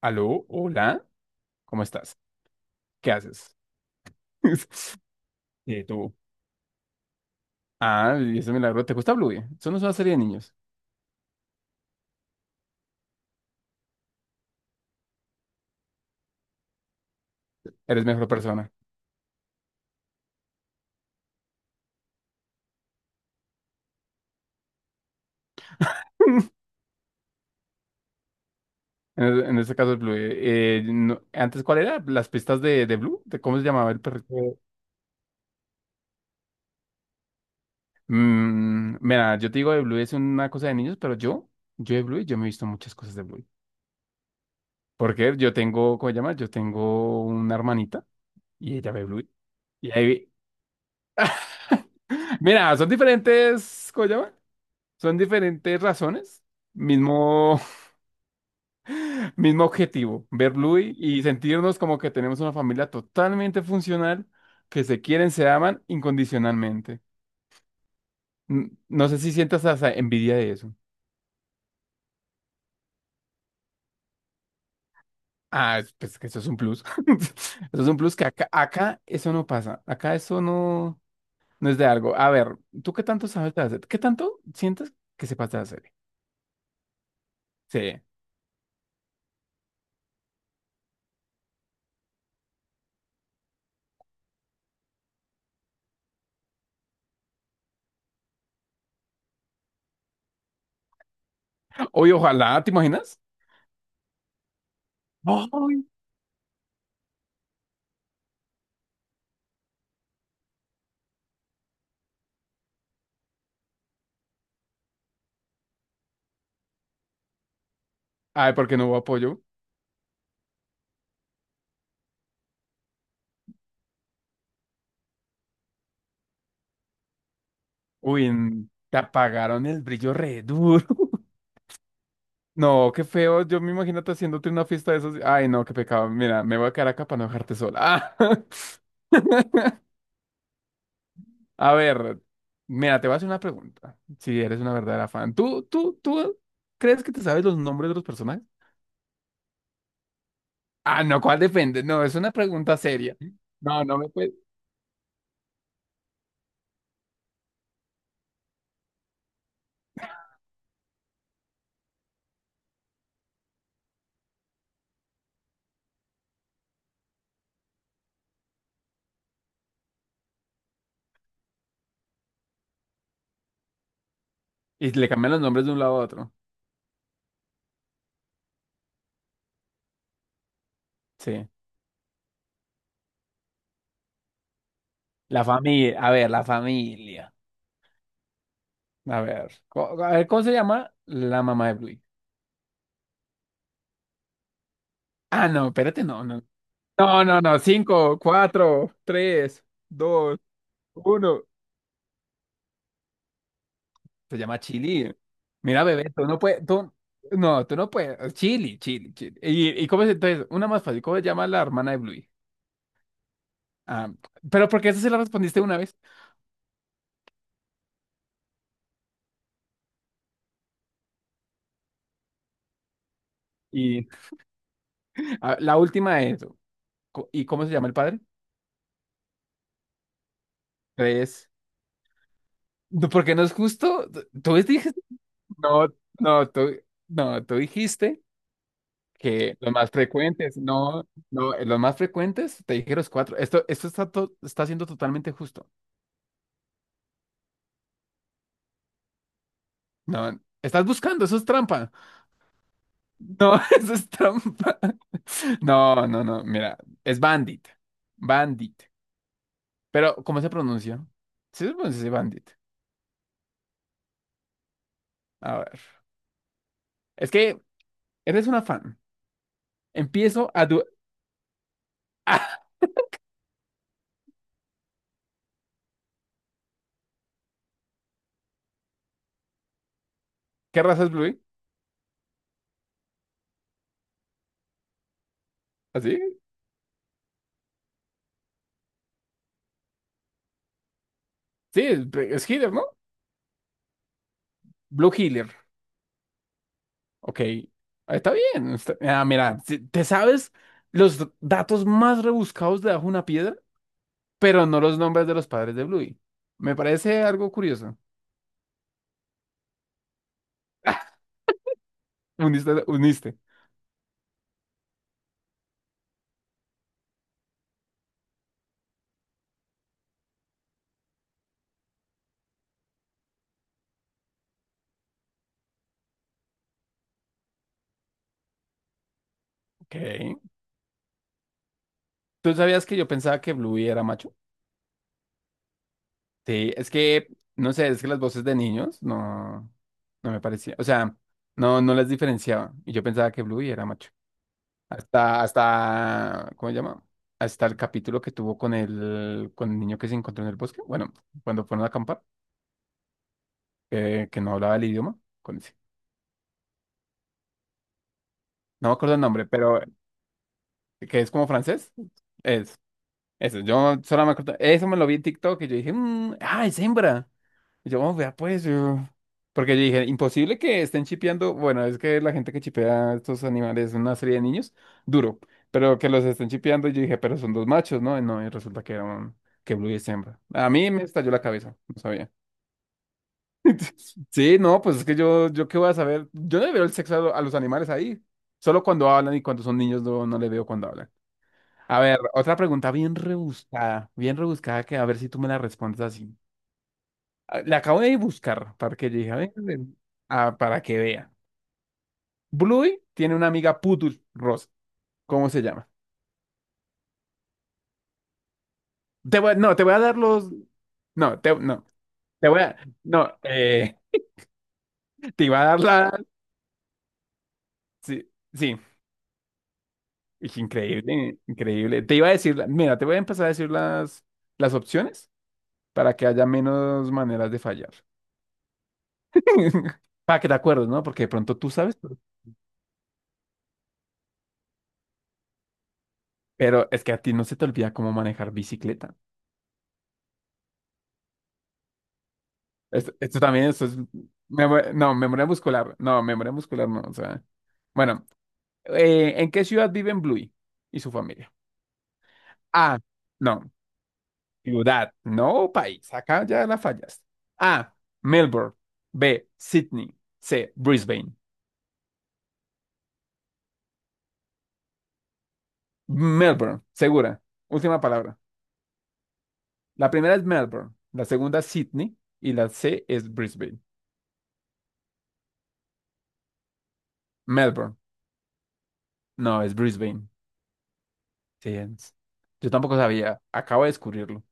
Aló, hola, ¿cómo estás? ¿Qué haces? Tú. Ah, y ese milagro. ¿Te gusta Bluey? Eso no es una serie de niños. Eres mejor persona. En este caso es Bluey. Antes, ¿cuál era? ¿Las pistas de Blue? ¿De cómo se llamaba el perrito? Mira, yo te digo, de Bluey es una cosa de niños, pero yo, de Bluey, yo me he visto muchas cosas de Bluey. Porque yo tengo, ¿cómo se llama? Yo tengo una hermanita y ella ve Bluey. Y ahí, mira, son diferentes, ¿cómo se llama? Son diferentes razones, mismo, mismo objetivo: ver Bluey y sentirnos como que tenemos una familia totalmente funcional, que se quieren, se aman incondicionalmente. No sé si sientas hasta envidia de eso. Pues que eso es un plus. Eso es un plus que acá, acá eso no pasa. Acá eso no, no es de algo. A ver, ¿tú qué tanto sabes de hacer? ¿Qué tanto sientes que sepas de hacer? Sí. Oye, ojalá, ¿te imaginas? Ay. Ay, ¿porque no hubo apoyo? Uy, te apagaron el brillo re duro. No, qué feo. Yo me imagino te haciéndote una fiesta de esos. Ay, no, qué pecado. Mira, me voy a quedar acá para no dejarte sola. Ah, a ver, mira, te voy a hacer una pregunta. ¿Si eres una verdadera fan? ¿Tú crees que te sabes los nombres de los personajes? Ah, no, ¿cuál depende? No, es una pregunta seria. No, no me puedes. Y le cambian los nombres de un lado a otro. Sí. La familia. A ver, la familia. A ver. A ver, ¿cómo se llama la mamá de Bluey? Ah, no, espérate, no, no. No, no, no. Cinco, cuatro, tres, dos, uno. Se llama Chili. Mira, bebé, tú no puedes, tú no puedes. Chili, Chili, Chili. Y cómo es entonces? Una más fácil, ¿cómo se llama la hermana de Bluey? Ah, pero porque esa se la respondiste una vez. Y la última es, ¿y cómo se llama el padre? Tres. No, porque no es justo. Tú dijiste, no, no, tú, no, tú dijiste que los más frecuentes, no, no, los más frecuentes, te dije los cuatro. Esto está, está siendo totalmente justo. No, estás buscando, eso es trampa. No, eso es trampa. No, no, no, mira, es Bandit. Bandit. Pero, ¿cómo se pronuncia? Sí se pronuncia así, Bandit. A ver. Es que eres una fan. Empiezo a... ¿Qué raza es Blue? ¿Así? Sí, es healer, ¿no? Blue Healer. Ok, está bien. Ah, mira, te sabes los datos más rebuscados de Bajo una Piedra, pero no los nombres de los padres de Bluey. Me parece algo curioso. Uniste, uniste. Ok. ¿Tú sabías que yo pensaba que Bluey era macho? Sí, es que, no sé, es que las voces de niños no, no me parecía. O sea, no, no las diferenciaba. Y yo pensaba que Bluey era macho. Hasta, hasta, ¿cómo se llama? Hasta el capítulo que tuvo con el niño que se encontró en el bosque. Bueno, cuando fueron a acampar, que no hablaba el idioma. Con ese. No me acuerdo el nombre, pero que es como francés. Es, eso, yo solo me acuerdo. Eso me lo vi en TikTok y yo dije, "Mm, ah, es hembra". Y yo, "Oh, vea, pues, yo". Porque yo dije, imposible que estén chipeando. Bueno, es que la gente que chipea a estos animales, una serie de niños, duro. Pero que los estén chipeando, y yo dije, pero son dos machos, ¿no? Y no, y resulta que era un, que Blue es hembra. A mí me estalló la cabeza, no sabía. Sí, no, pues es que yo qué voy a saber. Yo no le veo el sexo a, a los animales ahí. Solo cuando hablan, y cuando son niños no, no le veo cuando hablan. A ver, otra pregunta bien rebuscada, bien rebuscada, que a ver si tú me la respondes así. Ah, la acabo de buscar, para que yo dije, a ver, ven, ah, para que vea. Bluey tiene una amiga Pudul Rosa. ¿Cómo se llama? Te voy, no, te voy a dar los. No, te, no, te voy a. No, te iba a dar la. Sí, sí. Y que increíble, increíble. Te iba a decir, mira, te voy a empezar a decir las opciones, para que haya menos maneras de fallar. Para que te acuerdes, ¿no? Porque de pronto tú sabes, pero es que a ti no se te olvida cómo manejar bicicleta. Esto también, esto es... No, memoria muscular. No, memoria muscular no. O sea, bueno, ¿en qué ciudad viven Bluey y su familia? A, no, ciudad, no país. Acá ya la fallas. A, Melbourne. B, Sydney. C, Brisbane. Melbourne, segura. Última palabra. La primera es Melbourne, la segunda es Sydney y la C es Brisbane. Melbourne. No, es Brisbane. Sí, es- Yo tampoco sabía. Acabo de descubrirlo.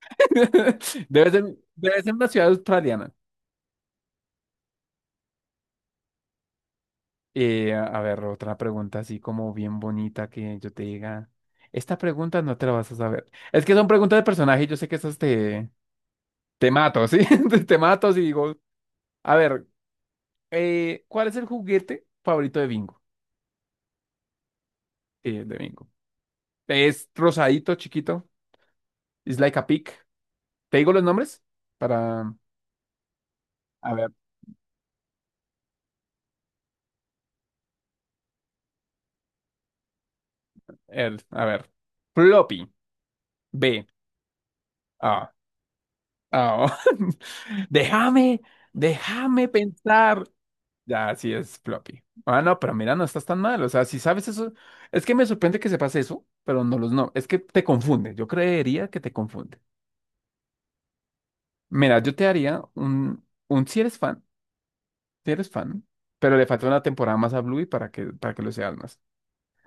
Debe ser, debe ser una ciudad australiana. A ver, otra pregunta así como bien bonita, que yo te diga. Esta pregunta no te la vas a saber. Es que son preguntas de personaje y yo sé que esas te, te mato, ¿sí? Te te mato y digo, a ver, ¿cuál es el juguete favorito de Bingo? Sí, el de Bingo. Es rosadito, chiquito. It's like a pig. ¿Te digo los nombres? Para... A ver, a ver. Floppy. B. Ah. Ah. Déjame, déjame pensar. Ya, sí es Floppy. Ah, no, pero mira, no estás tan mal. O sea, si sabes eso, es que me sorprende que sepas eso, pero no los no. Es que te confunde. Yo creería que te confunde. Mira, yo te haría un si eres fan, si eres fan, pero le falta una temporada más a Bluey para que lo seas más.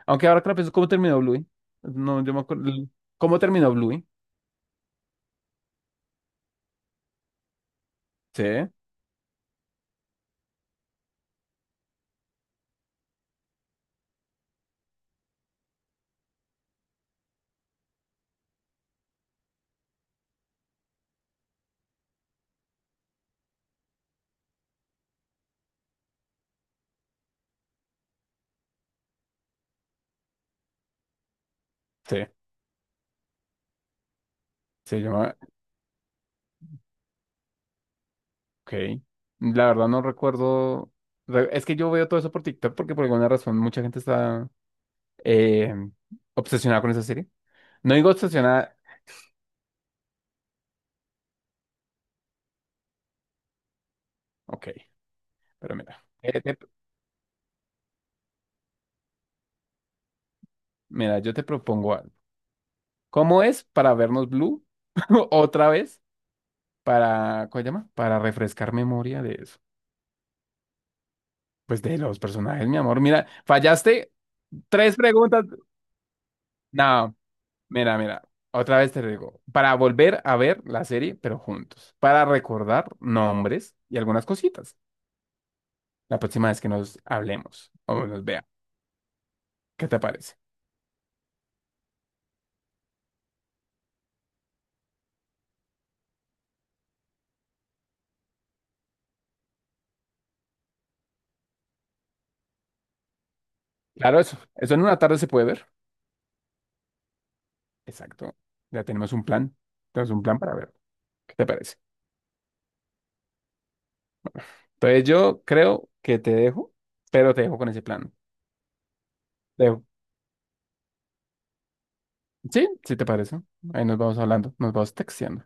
Aunque ahora que lo pienso, ¿cómo terminó Bluey? No, yo me acuerdo. ¿Cómo terminó Bluey? Sí, sí, se llama. Ok. La verdad no recuerdo. Es que yo veo todo eso por TikTok, porque por alguna razón mucha gente está eh, obsesionada con esa serie. No digo obsesionada. Ok, pero mira. Mira, yo te propongo algo. ¿Cómo es para vernos Blue otra vez? Para, ¿cómo se llama? Para refrescar memoria de eso. Pues de los personajes, mi amor. Mira, fallaste tres preguntas. No. Mira, mira, otra vez te lo digo, para volver a ver la serie, pero juntos, para recordar nombres y algunas cositas, la próxima vez que nos hablemos o nos vea, ¿qué te parece? Claro, eso en una tarde se puede ver, exacto, ya tenemos un plan para ver, ¿qué te parece? Entonces yo creo que te dejo, pero te dejo con ese plan. Te dejo. ¿Sí? ¿Sí te parece? Ahí nos vamos hablando, nos vamos texteando.